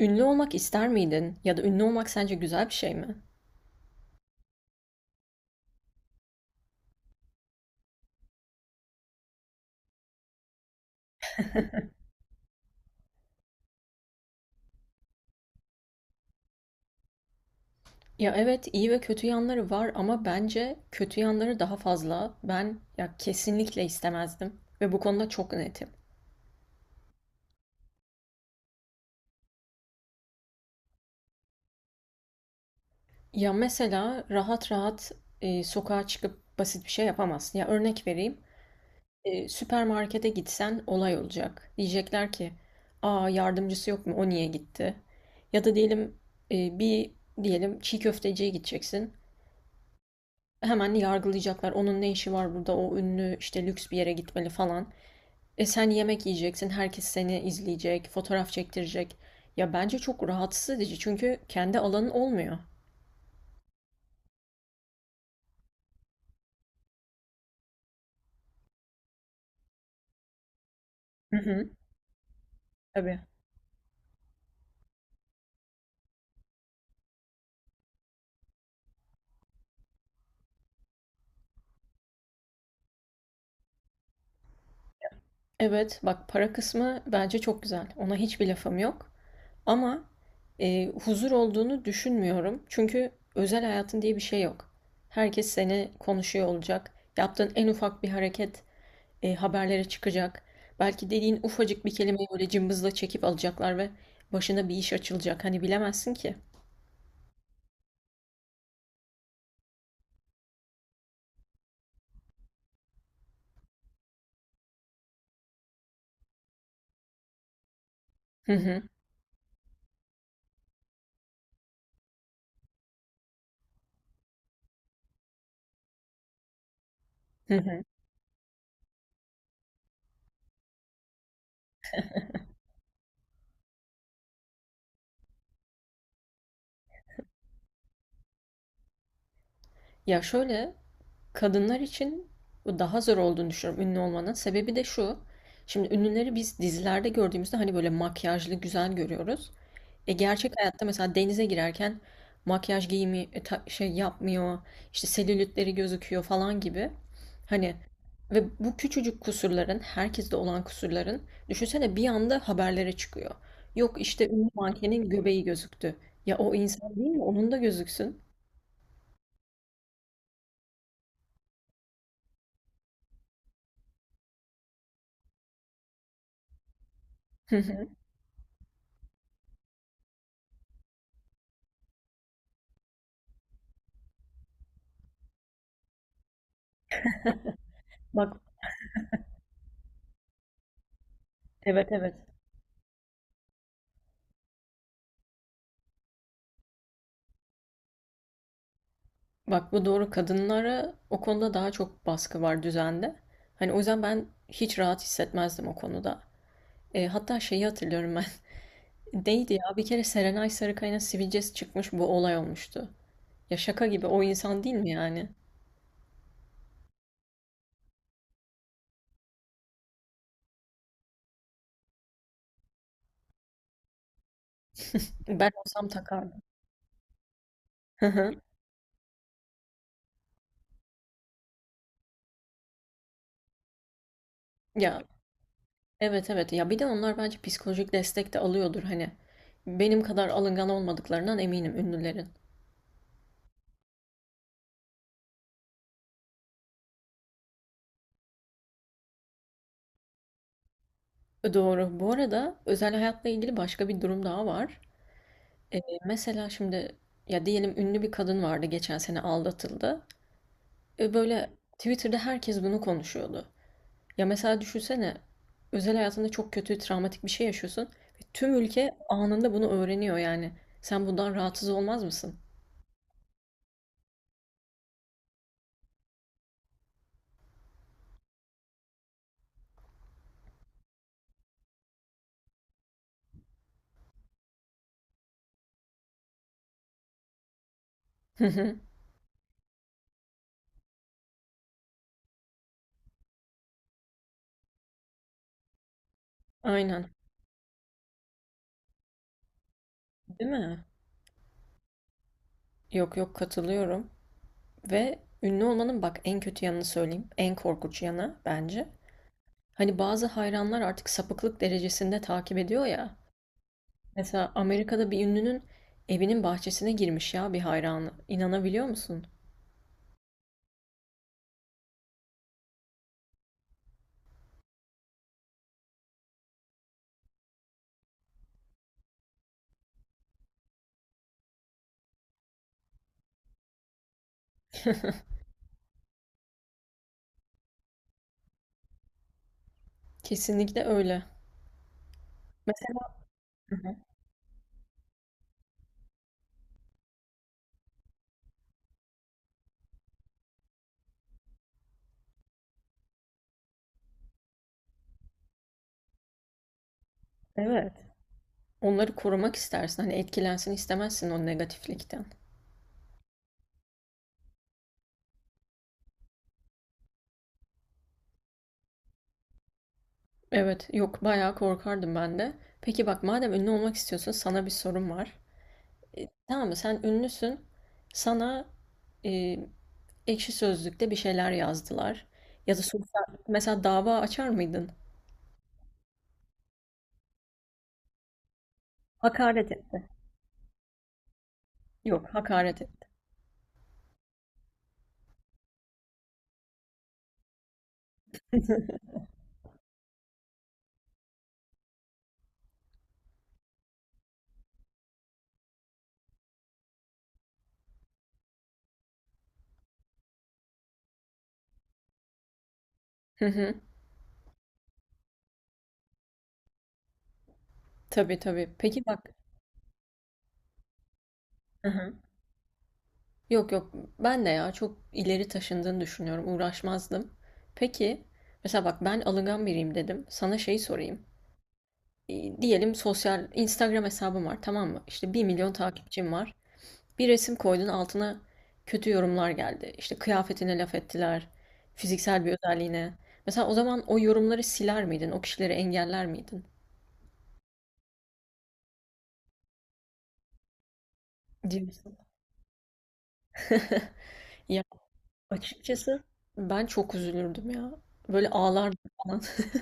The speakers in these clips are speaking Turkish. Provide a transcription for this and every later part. Ünlü olmak ister miydin? Ya da ünlü olmak sence güzel bir şey mi? Ya evet, iyi ve kötü yanları var ama bence kötü yanları daha fazla. Ben ya kesinlikle istemezdim ve bu konuda çok netim. Ya mesela rahat rahat sokağa çıkıp basit bir şey yapamazsın. Ya örnek vereyim. Süpermarkete gitsen olay olacak. Diyecekler ki, "Aa, yardımcısı yok mu? O niye gitti?" Ya da diyelim e, bir diyelim çiğ köfteciye gideceksin. Hemen yargılayacaklar. Onun ne işi var burada? O ünlü işte lüks bir yere gitmeli falan. Sen yemek yiyeceksin. Herkes seni izleyecek, fotoğraf çektirecek. Ya bence çok rahatsız edici çünkü kendi alanın olmuyor. Hı hı, tabii. Evet, bak, para kısmı bence çok güzel. Ona hiçbir lafım yok. Ama huzur olduğunu düşünmüyorum. Çünkü özel hayatın diye bir şey yok. Herkes seni konuşuyor olacak. Yaptığın en ufak bir hareket haberlere çıkacak. Belki dediğin ufacık bir kelimeyi böyle cımbızla çekip alacaklar ve başına bir iş açılacak. Hani bilemezsin ki. Hı hı, hı hı. Ya şöyle, kadınlar için bu daha zor olduğunu düşünüyorum ünlü olmanın. Sebebi de şu. Şimdi ünlüleri biz dizilerde gördüğümüzde hani böyle makyajlı güzel görüyoruz. Gerçek hayatta mesela denize girerken makyaj giyimi şey yapmıyor, işte selülitleri gözüküyor falan gibi. Hani ve bu küçücük kusurların, herkeste olan kusurların düşünsene bir anda haberlere çıkıyor. Yok işte ünlü mankenin göbeği gözüktü. Ya o insan değil mi? Onun da gözüksün. Hı hı. Bak, evet evet. Bak, bu doğru, kadınlara o konuda daha çok baskı var düzende. Hani o yüzden ben hiç rahat hissetmezdim o konuda. Hatta şeyi hatırlıyorum ben. Değildi ya. Bir kere Serenay Sarıkaya'nın sivilcesi çıkmış, bu olay olmuştu. Ya şaka gibi, o insan değil mi yani? Ben olsam takardım. Hı hı. Ya evet evet, ya bir de onlar bence psikolojik destek de alıyordur hani. Benim kadar alıngan olmadıklarından eminim ünlülerin. Doğru. Bu arada özel hayatla ilgili başka bir durum daha var. Ee, Mesela şimdi, ya diyelim, ünlü bir kadın vardı, geçen sene aldatıldı. Böyle Twitter'da herkes bunu konuşuyordu. Ya mesela düşünsene, özel hayatında çok kötü travmatik bir şey yaşıyorsun ve tüm ülke anında bunu öğreniyor yani. Sen bundan rahatsız olmaz mısın? Hı hı. Aynen. Değil mi? Yok yok, katılıyorum. Ve ünlü olmanın bak en kötü yanını söyleyeyim. En korkunç yanı bence. Hani bazı hayranlar artık sapıklık derecesinde takip ediyor ya. Mesela Amerika'da bir ünlünün evinin bahçesine girmiş ya bir hayranı. İnanabiliyor musun? Kesinlikle öyle. Mesela. Hı hı. Evet. Onları korumak istersin. Hani etkilensin istemezsin o negatiflikten. Evet, yok, bayağı korkardım ben de. Peki bak, madem ünlü olmak istiyorsun, sana bir sorum var. Tamam mı, sen ünlüsün. Sana e, Ekşi Sözlük'te bir şeyler yazdılar. Ya da sosyal, mesela, dava açar mıydın? Hakaret etti. Yok, hakaret etti. Hı hı. Tabii tabii. Peki bak. Hı hı. Yok yok, ben de ya çok ileri taşındığını düşünüyorum. Uğraşmazdım. Peki, mesela bak, ben alıngan biriyim dedim. Sana şeyi sorayım. Diyelim sosyal Instagram hesabım var, tamam mı? İşte 1 milyon takipçim var. Bir resim koydun, altına kötü yorumlar geldi. İşte kıyafetine laf ettiler, fiziksel bir özelliğine. Mesela o zaman o yorumları siler miydin? O kişileri engeller miydin? Diyorsun. Ya açıkçası ben çok üzülürdüm ya. Böyle ağlardım falan.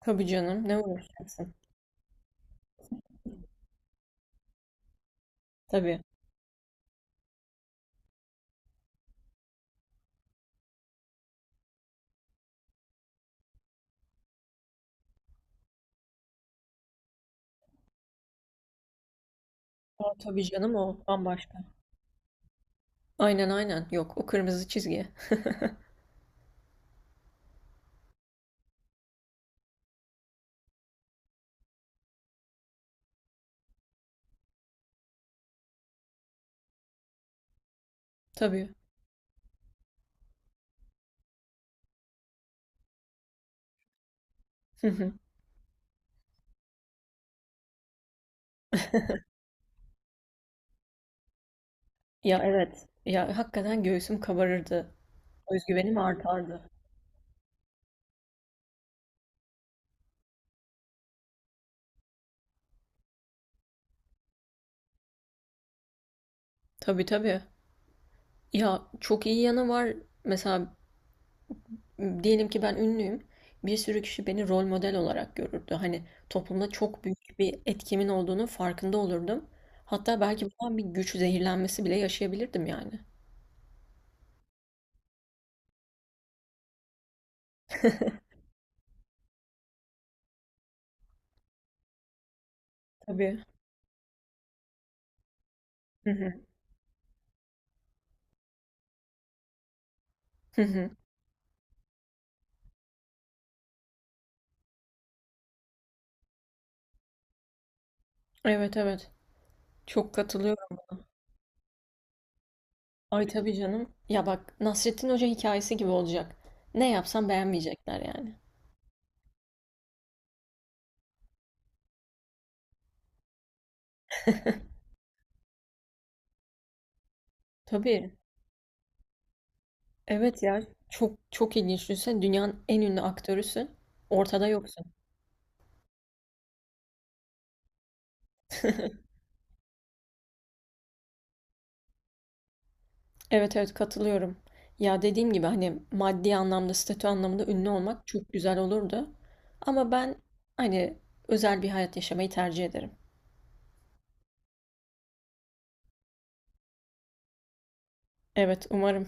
Tabii canım, ne uğraşacaksın? Tabii. Aa, tabii canım, o bambaşka. Aynen aynen, yok, o kırmızı çizgi. Tabii. Hı hı. Ya evet. Ya hakikaten göğsüm kabarırdı. Özgüvenim artardı. Tabii tabii. Ya çok iyi yanı var. Mesela diyelim ki ben ünlüyüm. Bir sürü kişi beni rol model olarak görürdü. Hani toplumda çok büyük bir etkimin olduğunu farkında olurdum. Hatta belki bundan bir güç zehirlenmesi bile yaşayabilirdim yani. Tabii. Hı hı. Hı hı. Evet evet. Çok katılıyorum buna. Ay tabii canım. Ya bak, Nasrettin Hoca hikayesi gibi olacak. Ne yapsam beğenmeyecekler yani. Tabii. Evet ya, çok çok ilginç. Düşünsene, dünyanın en ünlü aktörüsün. Ortada yoksun. Evet evet, katılıyorum. Ya dediğim gibi, hani maddi anlamda, statü anlamında ünlü olmak çok güzel olurdu. Ama ben hani özel bir hayat yaşamayı tercih ederim. Evet, umarım.